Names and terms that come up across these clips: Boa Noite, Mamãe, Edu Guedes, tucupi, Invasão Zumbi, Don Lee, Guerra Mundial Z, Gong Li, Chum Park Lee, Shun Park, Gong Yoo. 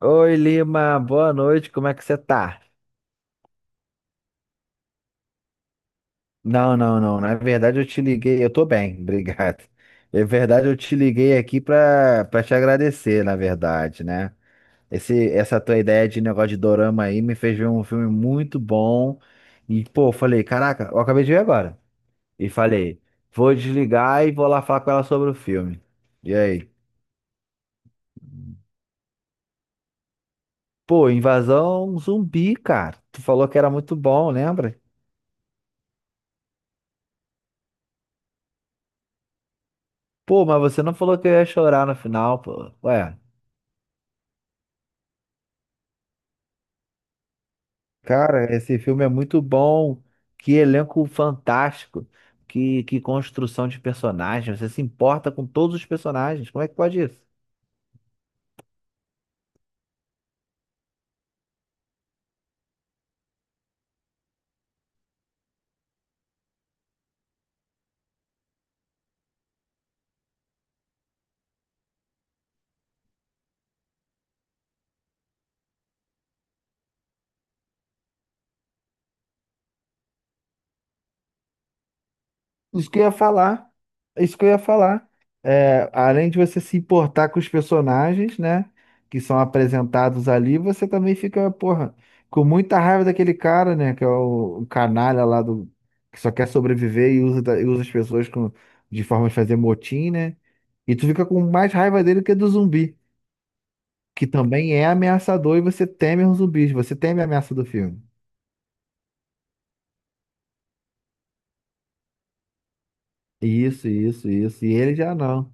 Oi, Lima, boa noite, como é que você tá? Não, não, não, na verdade eu te liguei, eu tô bem, obrigado. Na verdade eu te liguei aqui pra te agradecer, na verdade, né? Essa tua ideia de negócio de dorama aí me fez ver um filme muito bom e, pô, eu falei, caraca, eu acabei de ver agora. E falei, vou desligar e vou lá falar com ela sobre o filme. E aí? Pô, Invasão Zumbi, cara, tu falou que era muito bom, lembra? Pô, mas você não falou que eu ia chorar no final, pô. Ué, cara, esse filme é muito bom. Que elenco fantástico. Que construção de personagens. Você se importa com todos os personagens. Como é que pode isso? Isso que eu ia falar. Isso que eu ia falar. É, além de você se importar com os personagens, né? Que são apresentados ali, você também fica, porra, com muita raiva daquele cara, né? Que é o canalha lá do. Que só quer sobreviver e usa, e usa as pessoas com, de forma de fazer motim, né? E tu fica com mais raiva dele que do zumbi, que também é ameaçador e você teme os zumbis, você teme a ameaça do filme. Isso, isso, isso. E ele já não.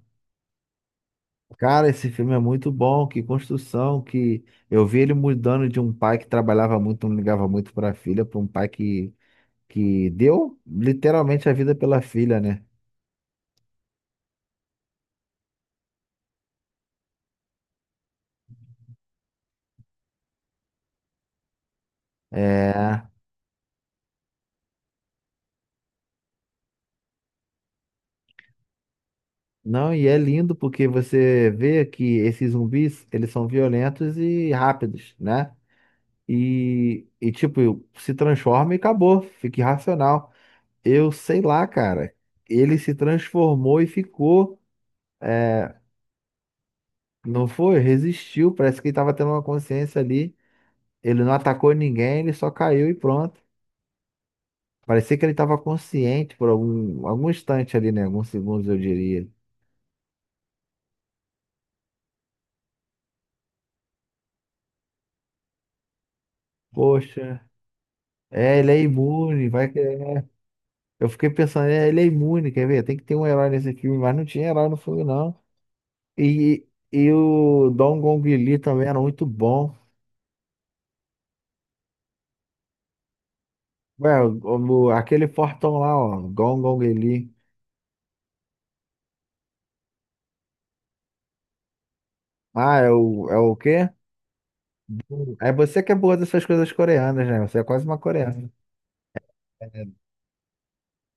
Cara, esse filme é muito bom, que construção, que eu vi ele mudando de um pai que trabalhava muito, não ligava muito para a filha, para um pai que deu literalmente a vida pela filha, né? É, não, e é lindo porque você vê que esses zumbis, eles são violentos e rápidos, né? E tipo, se transforma e acabou, fica irracional. Eu sei lá, cara, ele se transformou e ficou, não foi? Resistiu, parece que ele tava tendo uma consciência ali. Ele não atacou ninguém, ele só caiu e pronto. Parecia que ele estava consciente por algum instante ali, né? Alguns segundos, eu diria. Poxa, é, ele é imune, vai que... é. Eu fiquei pensando, é, ele é imune, quer ver? Tem que ter um herói nesse filme, mas não tinha herói no filme, não. E o Dong Gong Li também era muito bom. Ué, aquele fortão lá, ó, Dong Gong Li. Ah, é é o quê? É você que é boa dessas coisas coreanas, né? Você é quase uma coreana. É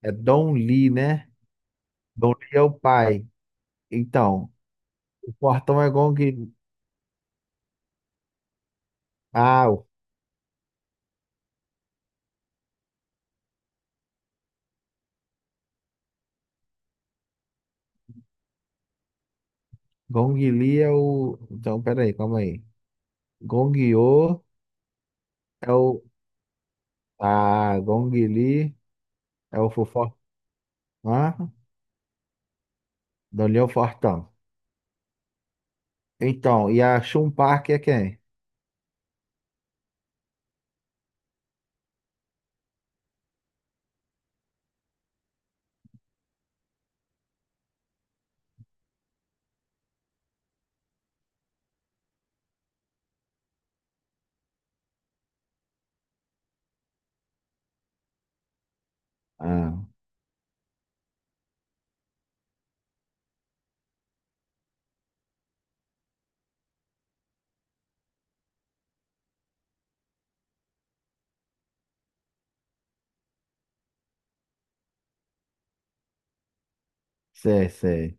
é Dong Li, né? Gong Li é o pai. Então, o portão é Gong. Ah, o Gong Li é o. Então, peraí, calma aí. Gong Yoo é o. Ah, Gong Li é o fofo. Ah, Don Li é o fortão. Então, e a Shun Park é quem? Ah, sei, sei.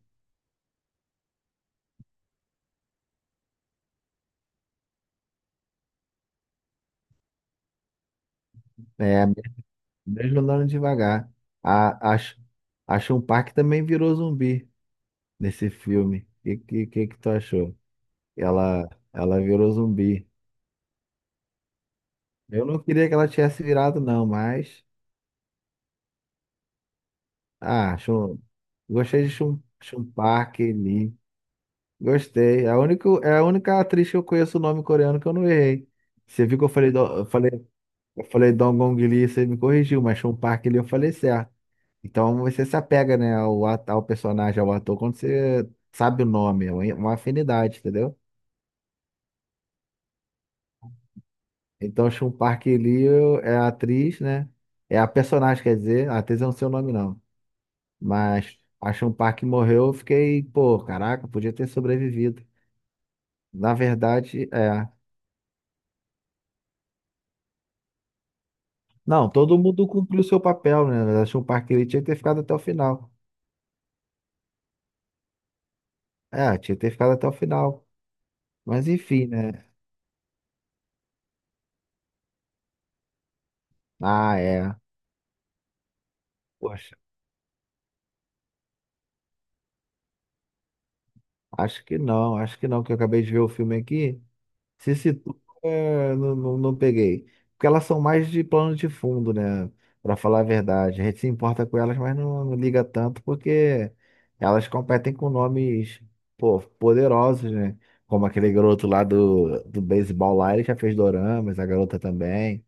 É, mesmo andando devagar. A, a, Sh- a Shun Park também virou zumbi nesse filme. O que que tu achou? Ela virou zumbi. Eu não queria que ela tivesse virado, não, mas. Ah, chum... gostei de Chum Park Lee. Gostei. É a única atriz que eu conheço o nome coreano que eu não errei. Você viu que eu falei, do... eu falei Dongong Lee, você me corrigiu, mas Chum Park Lee eu falei certo. Então você se apega, né, ao, ao personagem, ao ator, quando você sabe o nome, é uma afinidade, entendeu? Então Chum Park Lee é a atriz, né? É a personagem, quer dizer, a atriz eu não sei o nome, não. Mas Action Park morreu, eu fiquei, pô, caraca, podia ter sobrevivido. Na verdade, é. Não, todo mundo cumpriu seu papel, né? Action Park ele tinha que ter ficado até o final. É, tinha que ter ficado até o final. Mas enfim, né? Ah, é. Poxa, acho que não, que eu acabei de ver o filme aqui. Se situa, é, não, não, não peguei. Porque elas são mais de plano de fundo, né? Pra falar a verdade. A gente se importa com elas, mas não, não liga tanto porque elas competem com nomes, pô, poderosos, né? Como aquele garoto lá do beisebol lá, ele já fez doramas, a garota também.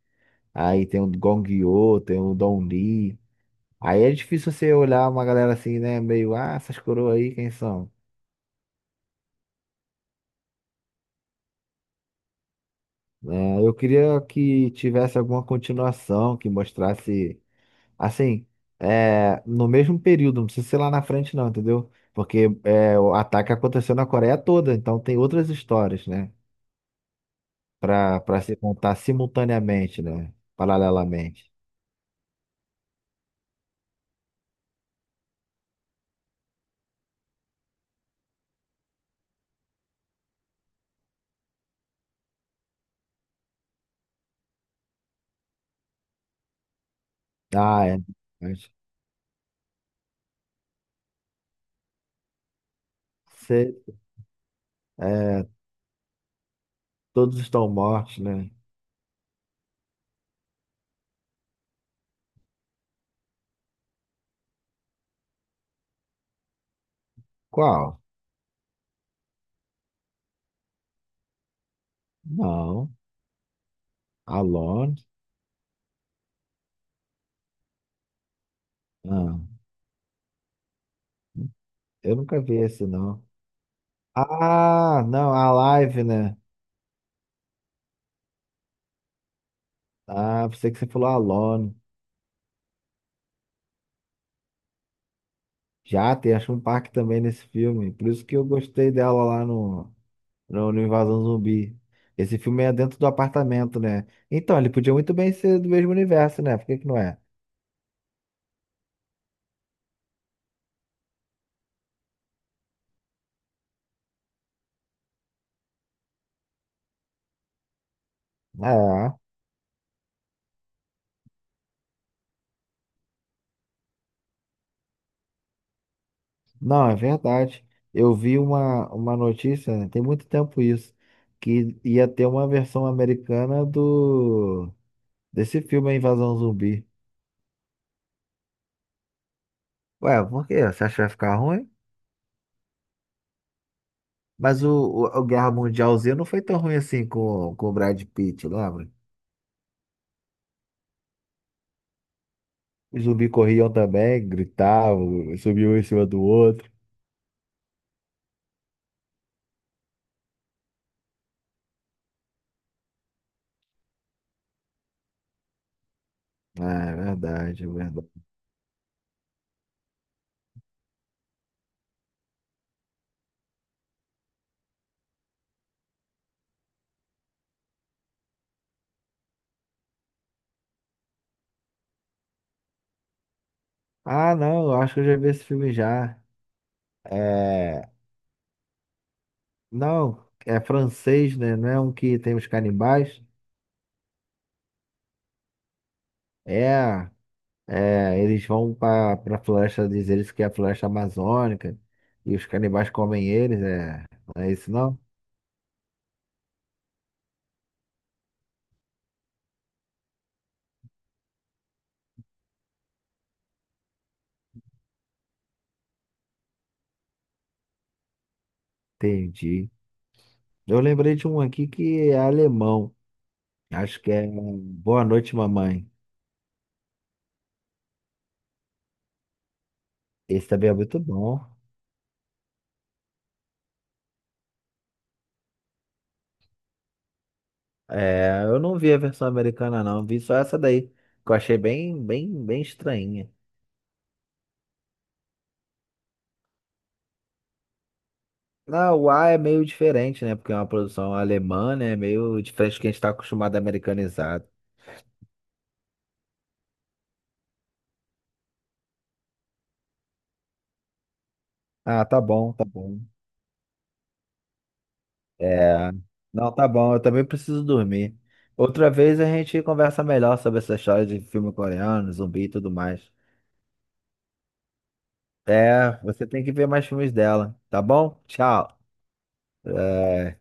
Aí tem o Gong Yoo, tem o Don Lee. Aí é difícil você olhar uma galera assim, né? Meio, ah, essas coroas aí, quem são? Né? Eu queria que tivesse alguma continuação que mostrasse. Assim, é, no mesmo período, não precisa ser lá na frente, não, entendeu? Porque é, o ataque aconteceu na Coreia toda, então tem outras histórias, né? Pra se contar simultaneamente, né? Paralelamente. Ah, é. Mas Você, é, todos estão mortos, né? Qual? Não. Alone? Não. Eu nunca vi esse, não. Ah, não, a live, né? Ah, pensei que você falou Alone. Já tem a Chumpark também nesse filme. Por isso que eu gostei dela lá no Invasão Zumbi. Esse filme é dentro do apartamento, né? Então, ele podia muito bem ser do mesmo universo, né? Por que que não é? É. Não, é verdade. Eu vi uma notícia, né? Tem muito tempo isso, que ia ter uma versão americana do desse filme A Invasão Zumbi. Ué, por quê? Você acha que vai ficar ruim? Mas o Guerra Mundial Z não foi tão ruim assim com o Brad Pitt, lembra? Os zumbis corriam também, gritavam, subiam um em cima do outro. Ah, é verdade, é verdade. Ah, não, eu acho que eu já vi esse filme já. É. Não, é francês, né? Não é um que tem os canibais? É. É, eles vão para floresta, diz eles que é a floresta amazônica e os canibais comem eles, é. Não é isso não? Entendi. Eu lembrei de um aqui que é alemão. Acho que é Boa Noite, Mamãe. Esse também é muito bom. É, eu não vi a versão americana, não. Vi só essa daí, que eu achei bem estranha. Não, o A é meio diferente, né? Porque é uma produção alemã, né? É meio diferente do que a gente tá acostumado americanizado. Ah, tá bom, tá bom. É. Não, tá bom, eu também preciso dormir. Outra vez a gente conversa melhor sobre essa história de filme coreano, zumbi e tudo mais. É, você tem que ver mais filmes dela, tá bom? Tchau. É.